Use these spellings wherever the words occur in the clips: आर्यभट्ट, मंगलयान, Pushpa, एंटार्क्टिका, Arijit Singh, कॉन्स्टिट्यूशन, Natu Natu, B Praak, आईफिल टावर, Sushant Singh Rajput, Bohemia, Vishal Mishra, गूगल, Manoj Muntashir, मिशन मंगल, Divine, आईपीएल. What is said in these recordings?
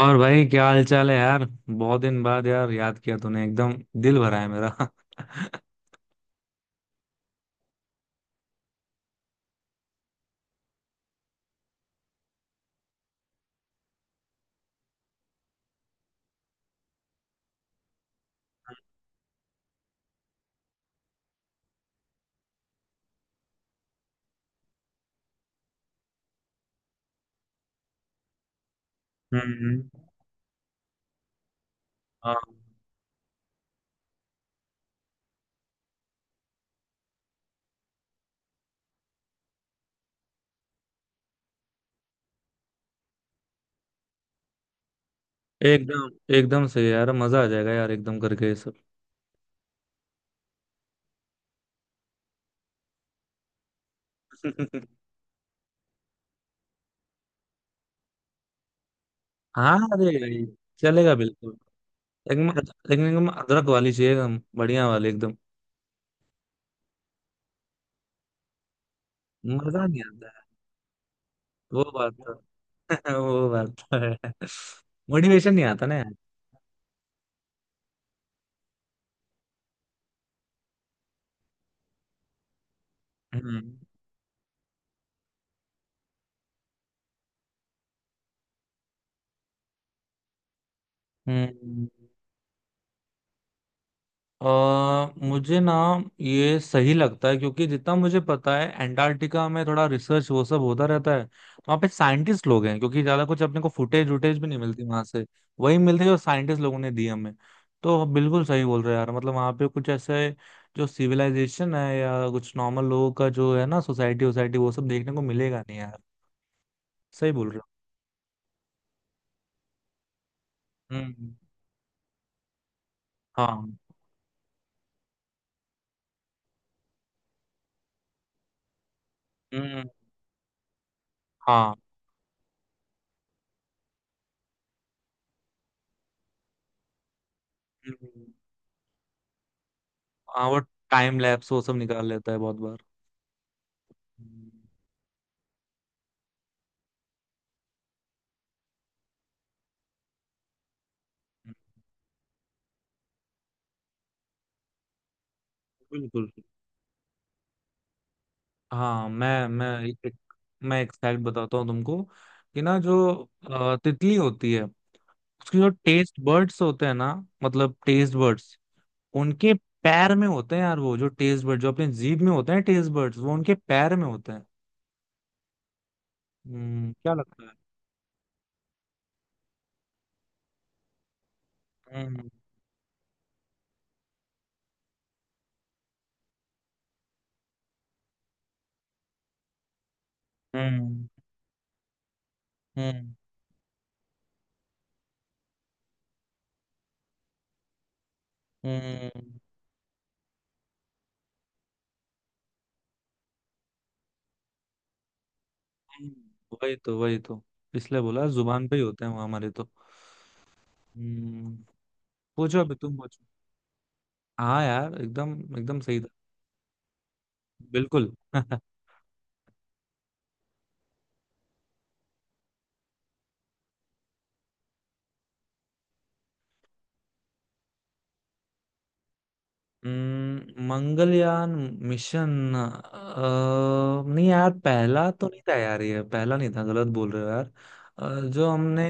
और भाई क्या हाल चाल है यार। बहुत दिन बाद यार, याद किया तूने एकदम। दिल भरा है मेरा हम्म। हाँ, एकदम एकदम सही है यार, मजा आ जाएगा यार, एकदम करके ये सब हाँ अरे भाई, चलेगा बिल्कुल। लेकिन लेकिन एकदम अदरक वाली चाहिए, एकदम बढ़िया वाली एकदम। मजा नहीं आता है। वो बात तो वो बात तो है मोटिवेशन नहीं आता ना यार। हम्म। हम्म। अ मुझे ना, ये सही लगता है क्योंकि जितना मुझे पता है एंटार्क्टिका में थोड़ा रिसर्च वो सब होता रहता है। वहाँ पे साइंटिस्ट लोग हैं, क्योंकि ज्यादा कुछ अपने को फुटेज वुटेज भी नहीं मिलती वहां से। वही मिलती है जो साइंटिस्ट लोगों ने दी हमें। तो बिल्कुल सही बोल रहे हो यार, मतलब वहाँ पे कुछ ऐसे जो सिविलाइजेशन है या कुछ नॉर्मल लोगों का जो है ना, सोसाइटी सोसाइटी वो सब देखने को मिलेगा नहीं यार। सही बोल रहे हो। हम्म। हाँ। हम्म। हाँ। हम्म, हाँ, वो टाइम लैप्स वो सब निकाल लेता है बहुत बार। हम्म, बिल्कुल। हाँ मैं एक, मैं एक फैक्ट बताता हूँ तुमको कि ना जो तितली होती है, उसके जो टेस्ट बर्ड्स होते हैं ना, मतलब टेस्ट बर्ड्स उनके पैर में होते हैं यार। वो जो टेस्ट बर्ड जो अपने जीभ में होते हैं टेस्ट बर्ड्स, वो उनके पैर में होते हैं। हम्म, क्या लगता है। हम्म। हम्म। हम्म। हम्म। हम्म, वही तो इसलिए बोला जुबान पे ही होते हैं वो हमारे तो। हम्म। पूछो अभी तुम पूछो। हाँ यार एकदम एकदम सही था। बिल्कुल मंगलयान मिशन। नहीं यार पहला तो नहीं था यार, ये पहला नहीं था, गलत बोल रहे हो यार। जो हमने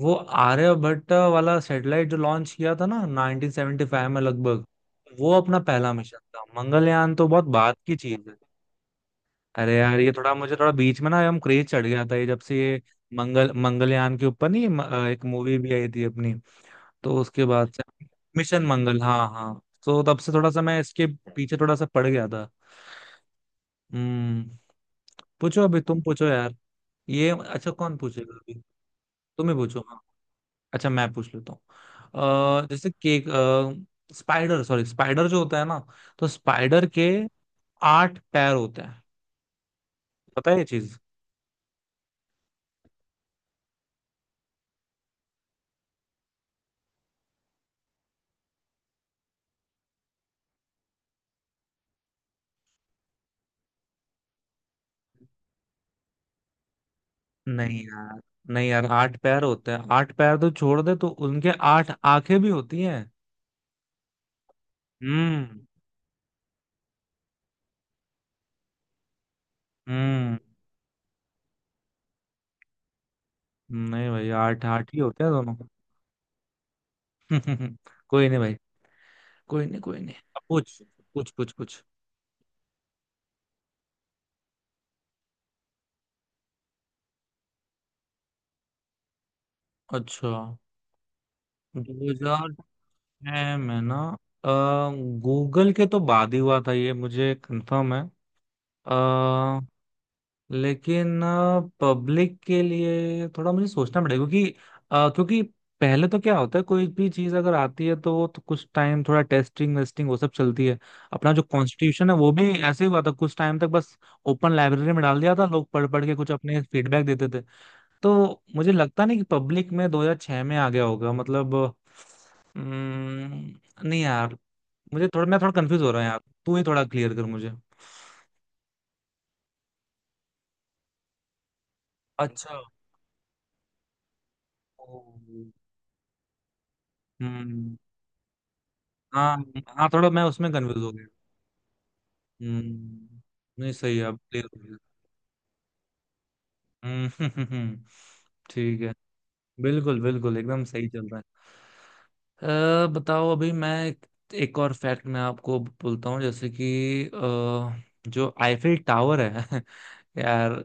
वो आर्यभट्ट वाला सैटेलाइट जो लॉन्च किया था ना, 1975 में लगभग। वो अपना पहला मिशन था, मंगलयान तो बहुत बात की चीज है। अरे यार ये थोड़ा मुझे थोड़ा बीच में ना हम क्रेज चढ़ गया था, ये जब से ये मंगलयान के ऊपर नहीं म- अ, एक मूवी भी आई थी अपनी, तो उसके बाद से। मिशन मंगल हाँ हाँ, तो तब से थोड़ा सा मैं इसके पीछे थोड़ा सा पड़ गया था। हम्म। पूछो अभी तुम पूछो यार। ये अच्छा कौन पूछेगा अभी। तुम ही पूछो हाँ। अच्छा मैं पूछ लेता हूँ। अ, जैसे केक स्पाइडर सॉरी, स्पाइडर जो होता है ना, तो स्पाइडर के आठ पैर होते हैं, पता है ये चीज। नहीं यार, नहीं यार आठ पैर होते हैं, आठ पैर तो छोड़ दे, तो उनके आठ आंखें भी होती हैं। हम्म। हम्म। नहीं भाई, आठ आठ ही होते हैं दोनों कोई नहीं भाई, कोई नहीं कोई नहीं, अब पूछ। पूछ पूछ पूछ। अच्छा। 2006 में ना, गूगल के तो बाद ही हुआ था ये मुझे कंफर्म है। अ, लेकिन पब्लिक के लिए थोड़ा मुझे सोचना पड़ेगा क्योंकि, क्योंकि पहले तो क्या होता है, कोई भी चीज अगर आती है तो वो तो कुछ टाइम थोड़ा टेस्टिंग वेस्टिंग वो सब चलती है। अपना जो कॉन्स्टिट्यूशन है वो भी ऐसे ही हुआ था, कुछ टाइम तक बस ओपन लाइब्रेरी में डाल दिया था, लोग पढ़ पढ़ के कुछ अपने फीडबैक देते थे। तो मुझे लगता नहीं कि पब्लिक में 2006 में आ गया होगा, मतलब अम्म, नहीं यार, मुझे थोड़ा मैं थोड़ा कंफ्यूज हो रहा हूँ यार। तू ही थोड़ा क्लियर कर मुझे। अच्छा। ओ। हम्म। हाँ। हाँ थोड़ा मैं उसमें कंफ्यूज हो गया। हम्म। नहीं सही है, अब clear हो गया। हम्म ठीक है, बिल्कुल बिल्कुल एकदम सही चल रहा है। बताओ अभी, मैं एक, एक और फैक्ट मैं आपको बोलता हूँ, जैसे कि जो आईफिल टावर है यार,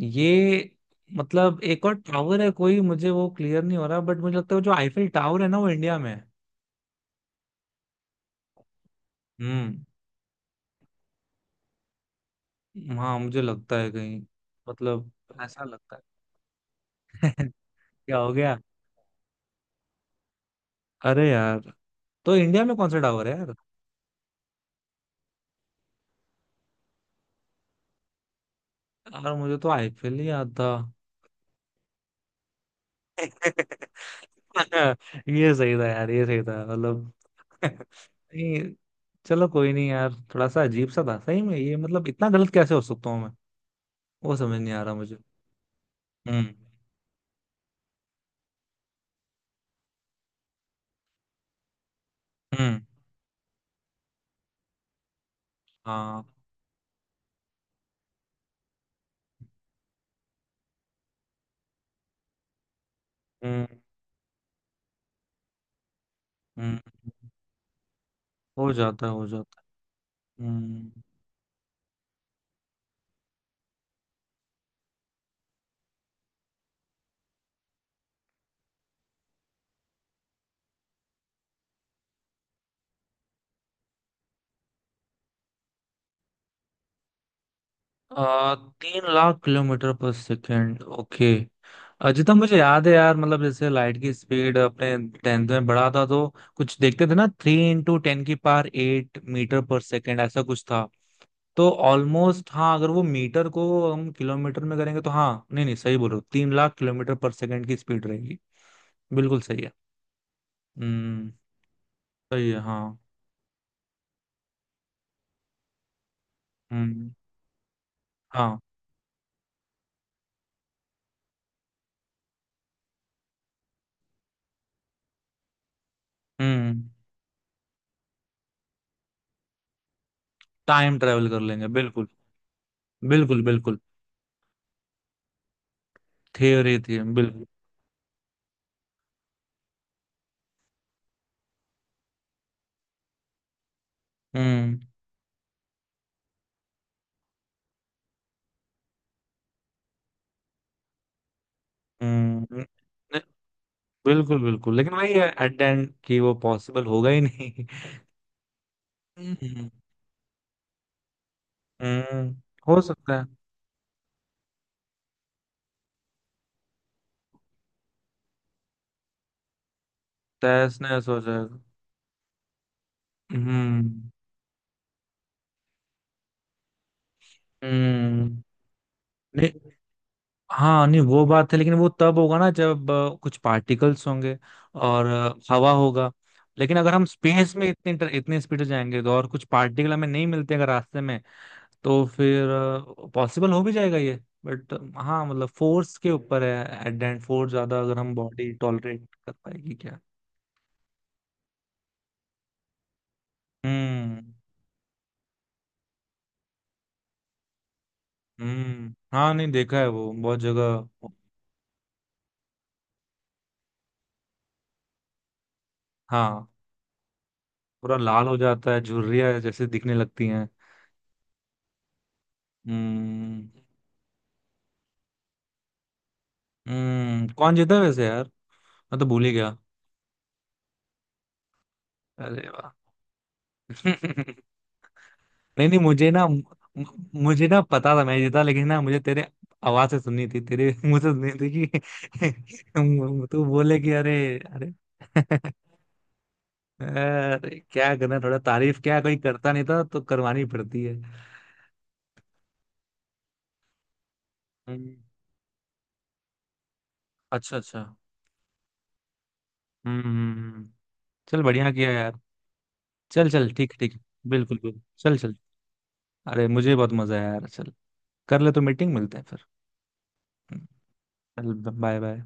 ये मतलब एक और टावर है कोई, मुझे वो क्लियर नहीं हो रहा, बट मुझे लगता है जो आईफिल टावर है ना, वो इंडिया में है। हम्म। हाँ मुझे लगता है कहीं। मतलब ऐसा लगता है क्या हो गया, अरे यार। तो इंडिया में कौन सा टावर है यार। यार मुझे तो आईपीएल ही याद था ये सही था यार ये सही था मतलब नहीं, चलो कोई नहीं यार, थोड़ा सा अजीब सा था सही में ये, मतलब इतना गलत कैसे हो सकता हूँ मैं, वो समझ नहीं आ रहा मुझे। हम्म। हम्म। हाँ। हम्म। हम्म। हो जाता है हो जाता है। हम्म। आ, तीन लाख किलोमीटर पर सेकेंड, ओके। अजितम मुझे याद है यार, मतलब जैसे लाइट की स्पीड अपने टेंथ में बढ़ा था तो कुछ देखते थे ना, थ्री इंटू टेन की पावर एट मीटर पर सेकेंड, ऐसा कुछ था। तो ऑलमोस्ट हाँ, अगर वो मीटर को हम किलोमीटर में करेंगे तो हाँ, नहीं नहीं सही बोलो, तीन लाख किलोमीटर पर सेकेंड की स्पीड रहेगी, बिल्कुल सही है। हम्म। सही है हाँ। हम्म। हाँ। हम्म। टाइम ट्रेवल कर लेंगे बिल्कुल। बिल्कुल बिल्कुल। थियोरी थी बिल्कुल। हम्म। हम्म। बिल्कुल बिल्कुल, लेकिन वही है एट द एंड कि वो पॉसिबल होगा ही नहीं। हम्म। हम्म। हो सकता है। तहस नहस हो जाएगा। हम्म। हम्म। नहीं, हाँ नहीं वो बात है, लेकिन वो तब होगा ना जब कुछ पार्टिकल्स होंगे और हवा होगा। लेकिन अगर हम स्पेस में इतने स्पीड जाएंगे, तो और कुछ पार्टिकल हमें नहीं मिलते अगर रास्ते में, तो फिर पॉसिबल हो भी जाएगा ये। बट हाँ मतलब फोर्स के ऊपर है एट द एंड, फोर्स ज्यादा अगर हम बॉडी टॉलरेट कर पाएगी। हम्म। हम्म। हाँ नहीं, देखा है वो बहुत जगह। हाँ, पूरा लाल हो जाता है, झुर्रियाँ जैसे दिखने लगती हैं। हम्म। हम्म, कौन जीता है वैसे यार, मैं तो भूल ही गया। अरे वाह नहीं नहीं मुझे ना मुझे ना पता था मैं जीता, लेकिन ना मुझे तेरे आवाज से सुननी थी, तेरे मुंह से सुननी थी कि तू बोले कि अरे। अरे अरे क्या करना, थोड़ा तारीफ क्या कोई करता नहीं था तो करवानी पड़ती है। हम्म, अच्छा अच्छा। हम्म। हम्म। हम्म। चल बढ़िया किया यार, चल चल ठीक ठीक। बिल्कुल बिल्कुल चल चल। अरे मुझे बहुत मजा आया यार, चल कर ले तो मीटिंग, मिलते हैं फिर। हम्म, चल। Bye bye.